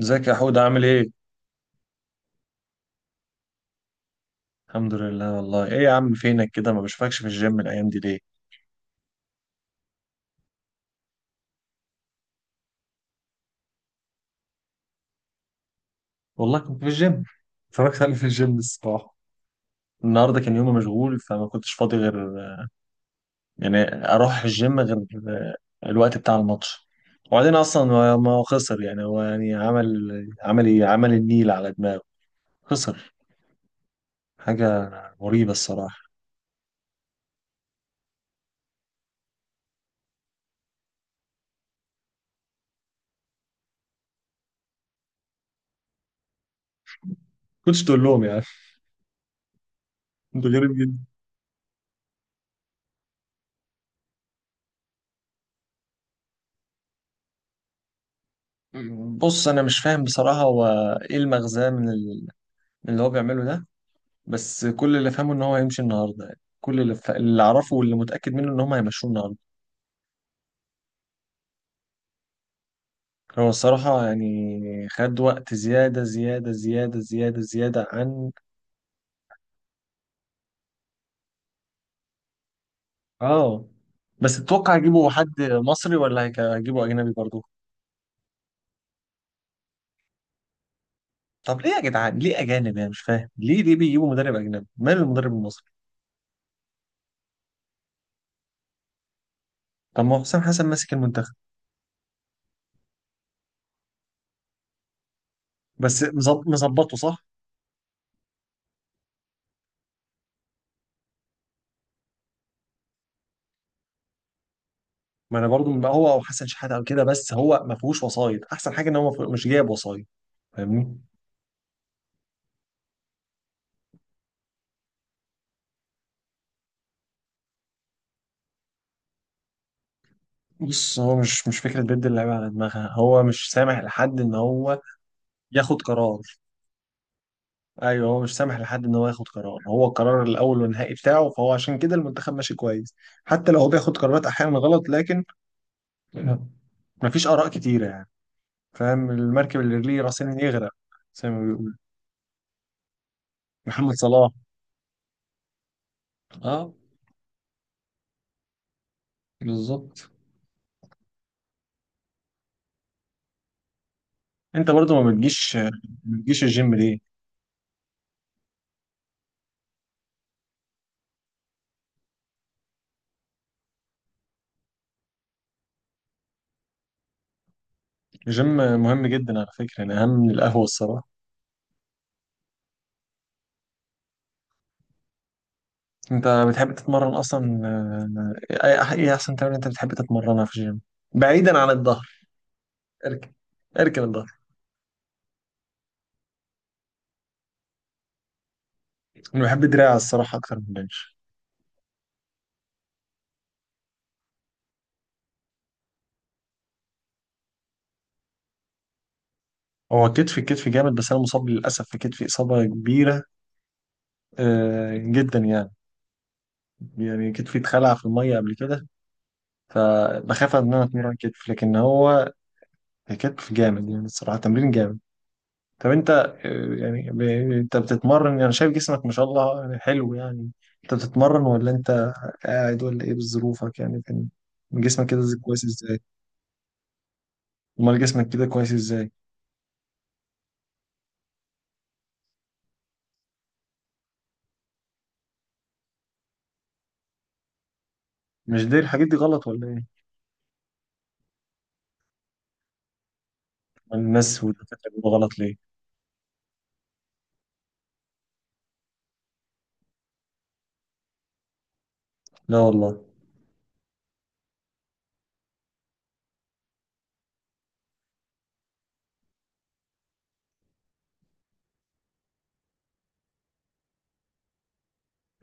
ازيك يا حود؟ عامل ايه؟ الحمد لله. والله ايه يا عم، فينك كده؟ ما بشوفكش في الجيم الايام دي ليه؟ والله كنت في الجيم، اتفرجت عليه في الجيم الصباح. النهارده كان يومي مشغول، فما كنتش فاضي غير يعني اروح الجيم غير الوقت بتاع الماتش. وبعدين اصلا ما هو خسر، يعني هو يعني عمل ايه، عمل النيل على دماغه، خسر حاجة مريبة الصراحة. كنتش تقول لهم يعني. انتوا غريب جدا. بص انا مش فاهم بصراحة، هو ايه المغزى من اللي هو بيعمله ده؟ بس كل اللي فهمه ان هو هيمشي النهارده، يعني اللي اعرفه واللي متاكد منه ان هم هيمشوه النهارده. هو الصراحه يعني خد وقت زياده زياده زياده زياده زياده عن اه بس. تتوقع يجيبوا حد مصري ولا هيجيبوا اجنبي برضه؟ طب ليه يا جدعان، ليه اجانب؟ انا مش فاهم ليه، ليه بيجيبوا مدرب اجنبي؟ مال المدرب المصري؟ طب ما هو حسام حسن ماسك المنتخب، بس مظبطه صح. ما انا برضه هو او حسن شحاته او كده، بس هو ما فيهوش وسايط، احسن حاجه ان هو ما فيه- مش جايب وسايط. فاهمني؟ بص هو مش فكرة بيد اللعيبة على دماغها، هو مش سامح لحد ان هو ياخد قرار. ايوه، هو مش سامح لحد ان هو ياخد قرار، هو القرار الاول والنهائي بتاعه، فهو عشان كده المنتخب ماشي كويس. حتى لو هو بياخد قرارات احيانا غلط، لكن مفيش اراء كتيرة يعني. فاهم المركب اللي ليه راسين يغرق، زي ما بيقول. محمد صلاح. اه، بالظبط. انت برضو ما بتجيش الجيم ليه؟ الجيم مهم جدا على فكرة، يعني اهم من القهوة الصراحة. انت بتحب تتمرن اصلا؟ ايه احسن تمرين انت بتحب تتمرنها في الجيم بعيدا عن الظهر؟ اركب، اركب الظهر. انا بحب دراع الصراحه اكتر من البنش. هو كتفي كتفي جامد، بس انا مصاب للاسف في كتفي اصابه كبيره جدا يعني. يعني كتفي اتخلع في الميه قبل كده، فبخاف ان انا اتمرن كتف، لكن هو كتف جامد يعني الصراحه تمرين جامد. طب انت يعني انت بتتمرن؟ يعني شايف جسمك ما شاء الله، يعني حلو يعني. انت بتتمرن ولا انت قاعد؟ ولا ايه بظروفك يعني؟ كان جسمك كده كويس ازاي؟ امال جسمك كده كويس ازاي؟ مش دي الحاجات دي غلط ولا ايه؟ امال الناس والدكاتره بيقولوا غلط ليه؟ لا والله.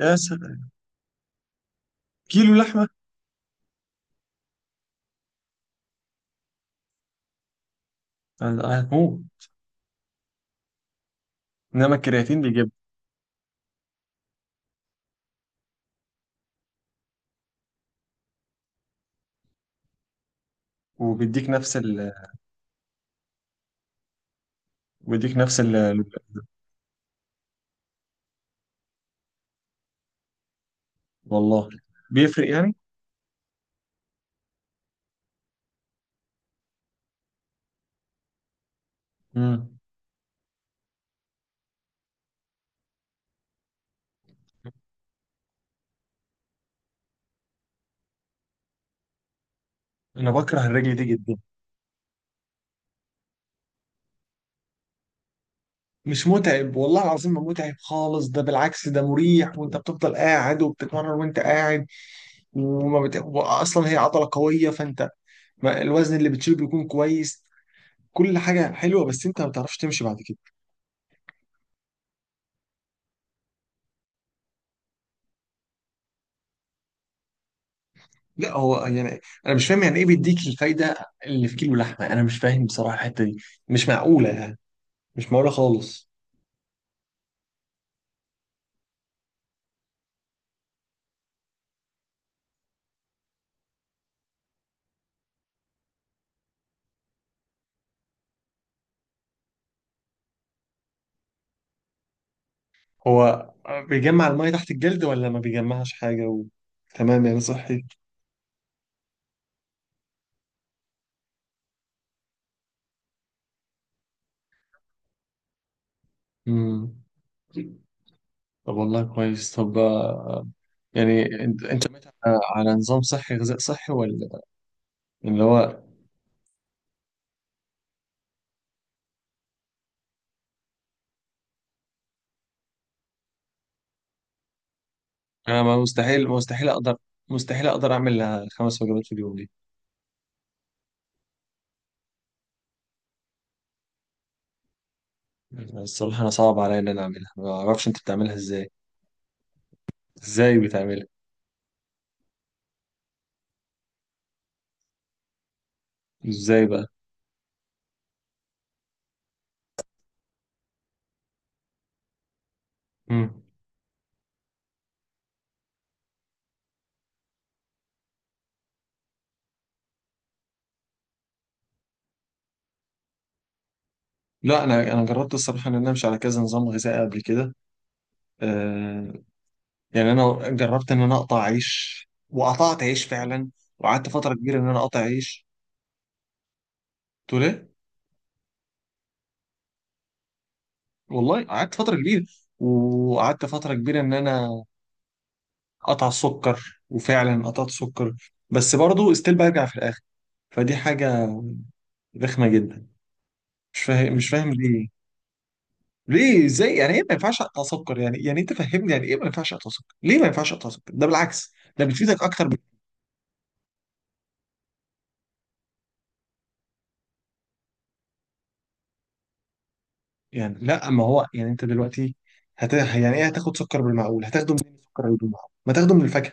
يا سلام! كيلو لحمه! هتموت. انما الكرياتين بيجيب، وبيديك نفس ال... بيديك نفس ال... والله بيفرق يعني. امم انا بكره الرجل دي جدا. مش متعب والله العظيم، ما متعب خالص، ده بالعكس ده مريح، وانت بتفضل قاعد وبتتمرن وانت قاعد. اصلا هي عضلة قوية، فانت الوزن اللي بتشيله بيكون كويس، كل حاجة حلوة، بس انت ما بتعرفش تمشي بعد كده. لا هو يعني انا مش فاهم، يعني ايه بيديك الفايدة اللي في كيلو لحمة؟ انا مش فاهم بصراحة الحتة دي، مش معقولة يعني، مش معقولة خالص. هو بيجمع المية تحت الجلد ولا ما بيجمعش حاجة تمام يعني صحي؟ امم. طب والله كويس. طب يعني انت انت ماشي على على نظام صحي غذاء صحي ولا؟ اللي هو انا ما مستحيل اقدر اعمل خمس وجبات في اليوم دي. الصراحه انا صعب عليا ان انا اعملها، ما اعرفش انت بتعملها ازاي؟ ازاي بتعملها؟ ازاي بقى؟ مم. لا انا جربت الصراحه ان انا امشي على كذا نظام غذائي قبل كده. آه يعني انا جربت ان انا اقطع عيش، وقطعت عيش فعلا، وقعدت فتره كبيره ان انا اقطع عيش. تقول ايه؟ والله قعدت فتره كبيره، وقعدت فتره كبيره ان انا قطع السكر، وفعلا قطعت سكر، بس برضه استيل برجع في الاخر. فدي حاجه رخمه جدا. مش فاهم ليه ازاي؟ يعني ايه ما ينفعش اقطع سكر؟ يعني انت فهمني، يعني ايه ما ينفعش اقطع سكر؟ ليه ما ينفعش اقطع سكر؟ ده بالعكس ده بتفيدك اكتر يعني لا، ما هو يعني انت دلوقتي يعني ايه هتاخد سكر بالمعقول؟ هتاخده منين السكر اللي بالمعقول؟ ما تاخده من الفاكهه.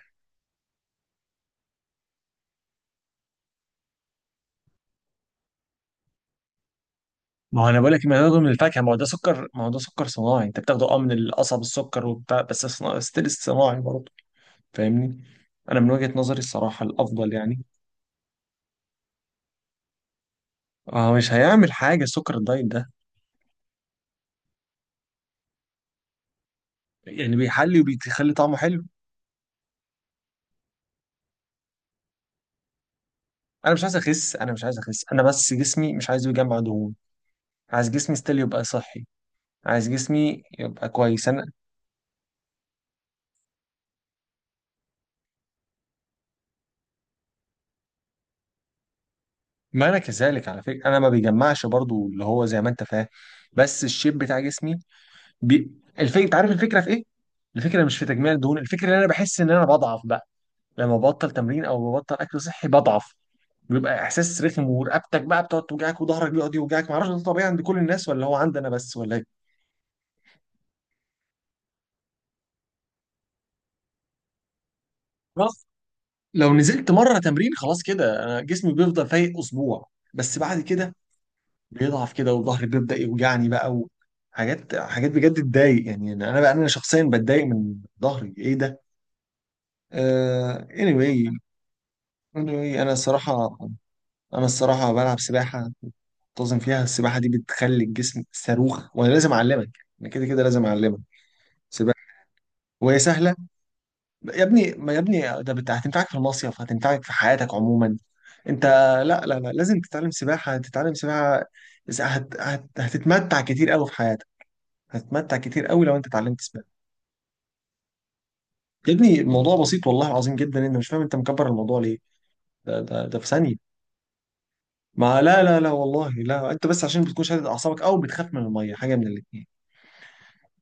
ما هو انا بقول لك ما تاخده من الفاكهه، ما هو ده سكر، ما هو ده سكر صناعي، انت بتاخده من القصب، السكر وبتاع، بس ستيل صناعي برضه. فاهمني؟ انا من وجهة نظري الصراحة الافضل يعني. هو مش هيعمل حاجة سكر الدايت ده، يعني بيحلي وبيخلي طعمه حلو. انا مش عايز اخس، انا مش عايز اخس، انا بس جسمي مش عايزه يجمع دهون. عايز جسمي ستيل يبقى صحي، عايز جسمي يبقى كويس. انا ما انا كذلك على فكرة، انا ما بيجمعش برضو اللي هو زي ما انت فاهم. بس الشيب بتاع جسمي بي... الفكرة، انت عارف الفكرة في ايه؟ الفكرة مش في تجميع الدهون، الفكرة ان انا بحس ان انا بضعف بقى، لما ببطل تمرين او ببطل اكل صحي بضعف. بيبقى احساس رخم، ورقبتك بقى بتقعد توجعك، وظهرك بيقعد يوجعك. معرفش ده طبيعي عند كل الناس ولا هو عندي انا بس ولا ايه؟ خلاص، لو نزلت مره تمرين خلاص كده انا جسمي بيفضل فايق اسبوع، بس بعد كده بيضعف كده وظهري بيبدا يوجعني بقى. وحاجات حاجات بجد تضايق، يعني انا بقى انا شخصيا بتضايق من ظهري. ايه ده؟ Anyway, انا الصراحه، انا الصراحه بلعب سباحه منتظم فيها. السباحه دي بتخلي الجسم صاروخ، وانا لازم اعلمك، انا كده كده لازم اعلمك سباحه. وهي سهله. يا ابني، ما يا ابني، ده هتنفعك في المصيف، هتنفعك في حياتك عموما. انت لا لا لا، لازم تتعلم سباحة، تتعلم سباحة. إذا هت هت هتتمتع كتير قوي في حياتك، هتتمتع كتير قوي لو انت اتعلمت سباحة. يا ابني الموضوع بسيط والله العظيم جدا، انت مش فاهم، انت مكبر الموضوع ليه؟ ده في ثانية. ما لا لا لا والله لا، انت بس عشان بتكون شادد اعصابك او بتخاف من المية، حاجة من الاتنين.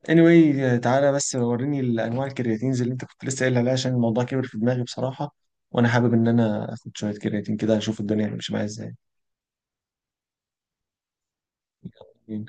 anyway، تعالى بس وريني الانواع الكرياتينز اللي انت كنت لسه قايل عليها، عشان الموضوع كبر في دماغي بصراحة، وانا حابب ان انا اخد شوية كرياتين كده اشوف الدنيا هتمشي معايا ازاي؟